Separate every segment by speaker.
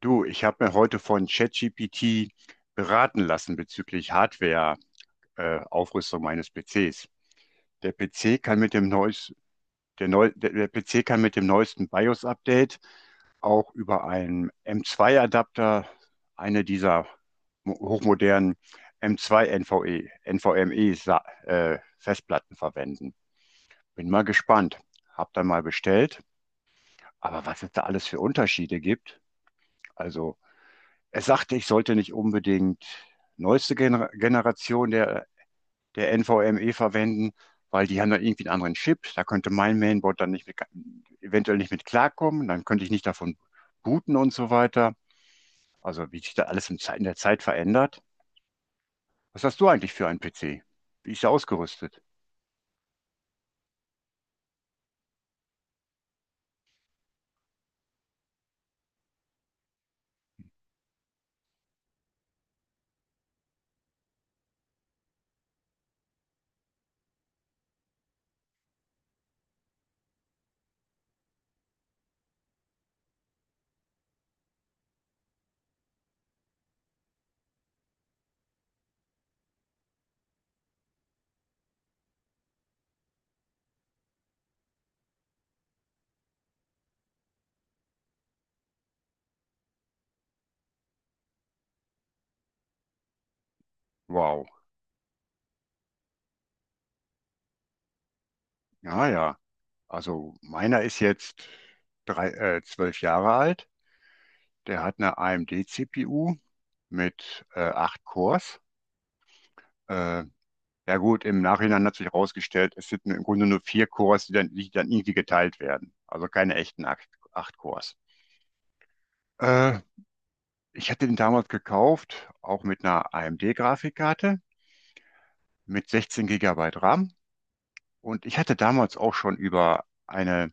Speaker 1: Du, ich habe mir heute von ChatGPT beraten lassen bezüglich Hardware-Aufrüstung meines PCs. Der PC kann mit dem neues, der, neu, der, der PC kann mit dem neuesten BIOS-Update auch über einen M2-Adapter eine hochmodernen NVMe Festplatten verwenden. Bin mal gespannt. Hab dann mal bestellt. Aber was es da alles für Unterschiede gibt, also er sagte, ich sollte nicht unbedingt neueste Gener Generation der NVMe verwenden, weil die haben dann irgendwie einen anderen Chip. Da könnte mein Mainboard dann nicht mit, eventuell nicht mit klarkommen. Dann könnte ich nicht davon booten und so weiter. Also wie sich da alles in der Zeit verändert. Was hast du eigentlich für einen PC? Wie ist der ausgerüstet? Wow. Ja, ja. Also meiner ist jetzt zwölf Jahre alt. Der hat eine AMD-CPU mit acht Cores. Äh, Ja gut, im Nachhinein hat sich herausgestellt, es sind im Grunde nur vier Cores, die dann irgendwie geteilt werden. Also keine echten acht Cores. Äh, Ich hatte den damals gekauft, auch mit einer AMD-Grafikkarte mit 16 Gigabyte RAM. Und ich hatte damals auch schon über eine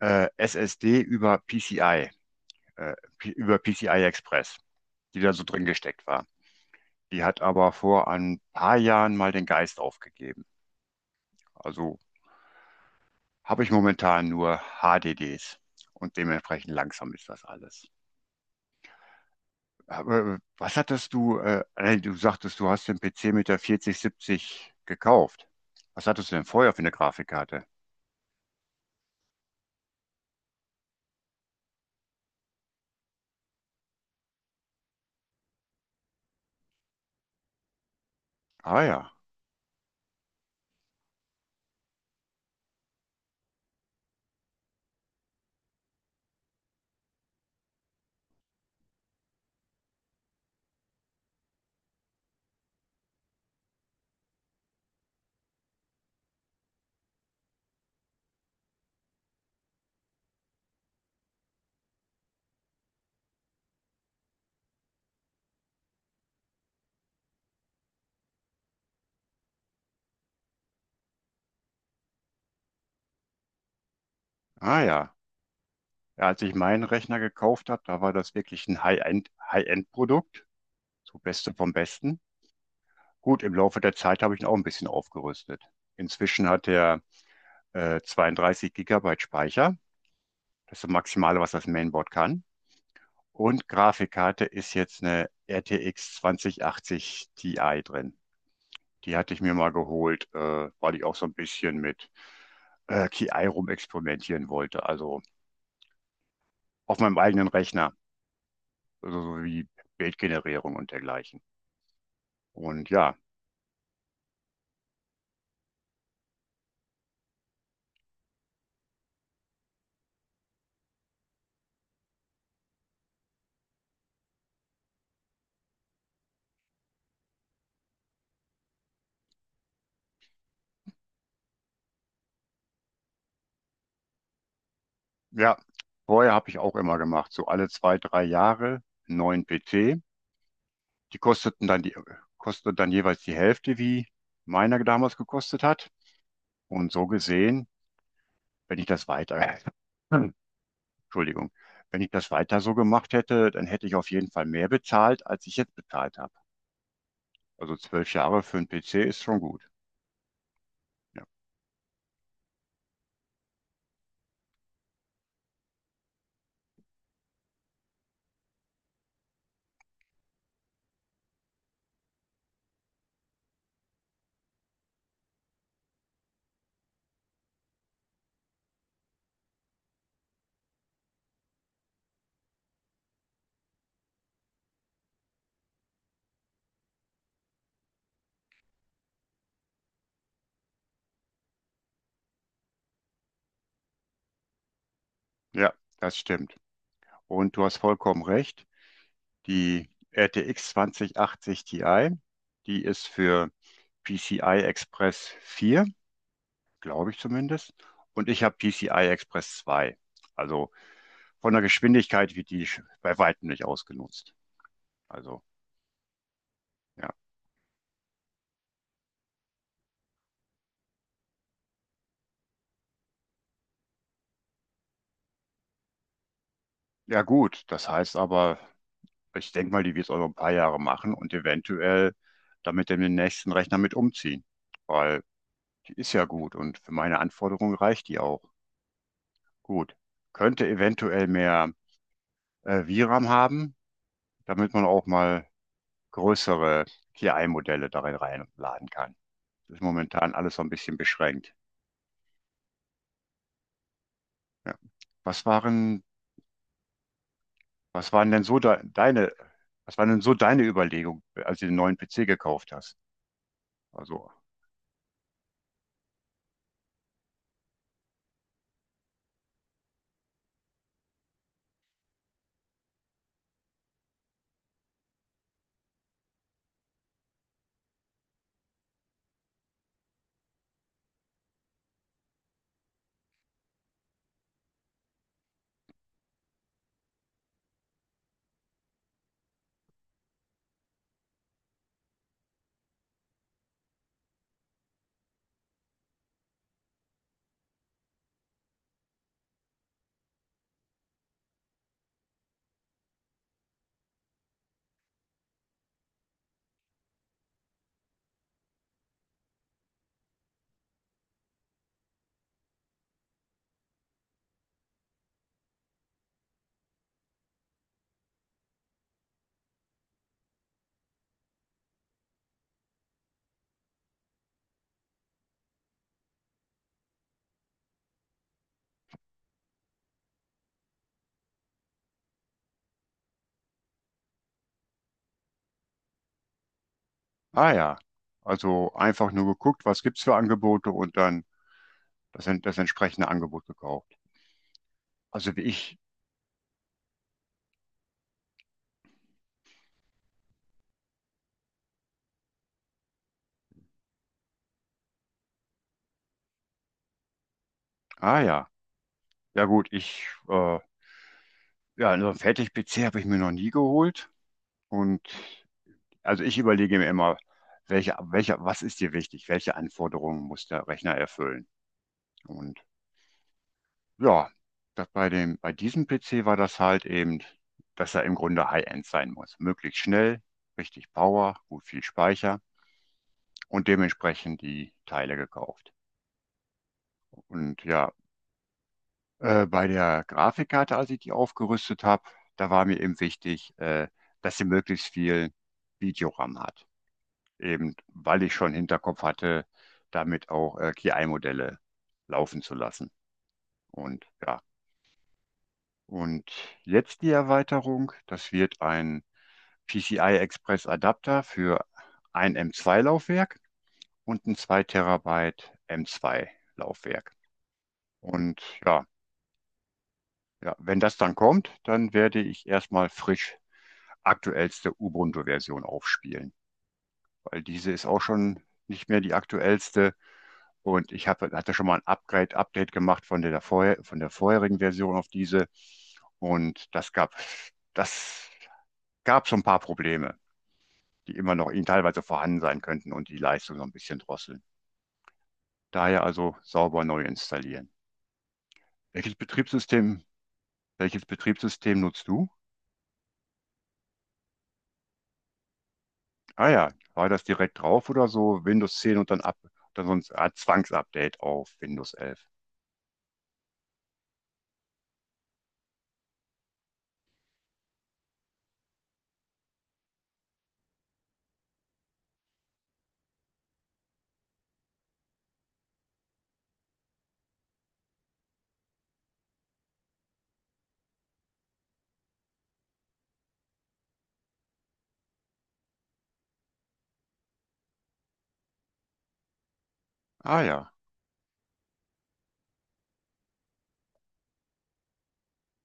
Speaker 1: SSD über PCI Express, die da so drin gesteckt war. Die hat aber vor ein paar Jahren mal den Geist aufgegeben. Also habe ich momentan nur HDDs und dementsprechend langsam ist das alles. Aber du sagtest, du hast den PC mit der 4070 gekauft. Was hattest du denn vorher für eine Grafikkarte? Ah ja. ah ja. Ja, als ich meinen Rechner gekauft habe, da war das wirklich ein High-End-Produkt, so Beste vom Besten. Gut, im Laufe der Zeit habe ich ihn auch ein bisschen aufgerüstet. Inzwischen hat er 32 Gigabyte Speicher. Das ist das Maximale, was das Mainboard kann. Und Grafikkarte ist jetzt eine RTX 2080 Ti drin. Die hatte ich mir mal geholt, weil ich auch so ein bisschen mit KI rumexperimentieren wollte. Also auf meinem eigenen Rechner, also so wie Bildgenerierung und dergleichen. Und ja, ja, vorher habe ich auch immer gemacht, so alle zwei, drei Jahre neuen PC. Die kosteten dann die, kosteten dann jeweils die Hälfte, wie meiner damals gekostet hat. Und so gesehen, wenn ich das weiter Entschuldigung. Wenn ich das weiter so gemacht hätte, dann hätte ich auf jeden Fall mehr bezahlt, als ich jetzt bezahlt habe. Also zwölf Jahre für einen PC ist schon gut. Ja, ja, das stimmt. Und du hast vollkommen recht. Die RTX 2080 Ti, die ist für PCI Express 4, glaube ich zumindest. Und ich habe PCI Express 2. Also von der Geschwindigkeit wird bei weitem nicht ausgenutzt. Also, ja. Ja gut, das heißt aber, ich denke mal, die wird es auch noch ein paar Jahre machen und eventuell damit in den nächsten Rechner mit umziehen, weil die ist ja gut und für meine Anforderungen reicht die auch. Gut. Könnte eventuell mehr VRAM haben, damit man auch mal größere KI-Modelle darin reinladen kann. Das ist momentan alles so ein bisschen beschränkt. Ja. Was waren, was waren denn so de deine, Was waren denn so deine Überlegungen, als du den neuen PC gekauft hast? Also ah ja, also einfach nur geguckt, was gibt's für Angebote und dann das entsprechende Angebot gekauft. Also wie ich, ah ja, ja gut, ich, äh, ja, einen Fertig-PC habe ich mir noch nie geholt. Und also ich überlege mir immer, was ist dir wichtig? Welche Anforderungen muss der Rechner erfüllen? Und ja, bei diesem PC war das halt eben, dass er im Grunde High-End sein muss. Möglichst schnell, richtig Power, gut viel Speicher, und dementsprechend die Teile gekauft. Und ja, bei der Grafikkarte, als ich die aufgerüstet habe, da war mir eben wichtig, dass sie möglichst viel Videoram hat. Eben weil ich schon Hinterkopf hatte, damit auch KI-Modelle laufen zu lassen. Und ja, und jetzt die Erweiterung, das wird ein PCI Express Adapter für ein M2-Laufwerk und ein 2 Terabyte M2-Laufwerk. Und ja, ja, wenn das dann kommt, dann werde ich erstmal frisch aktuellste Ubuntu-Version aufspielen, weil diese ist auch schon nicht mehr die aktuellste. Und hatte schon mal ein Update gemacht von der vorherigen Version auf diese. Und das gab so ein paar Probleme, die immer noch in teilweise vorhanden sein könnten und die Leistung so ein bisschen drosseln. Daher also sauber neu installieren. Welches Betriebssystem, Welches Betriebssystem nutzt du? Ah ja, war das direkt drauf oder so? Windows 10 und dann sonst ah, Zwangsupdate auf Windows 11. Ah ja.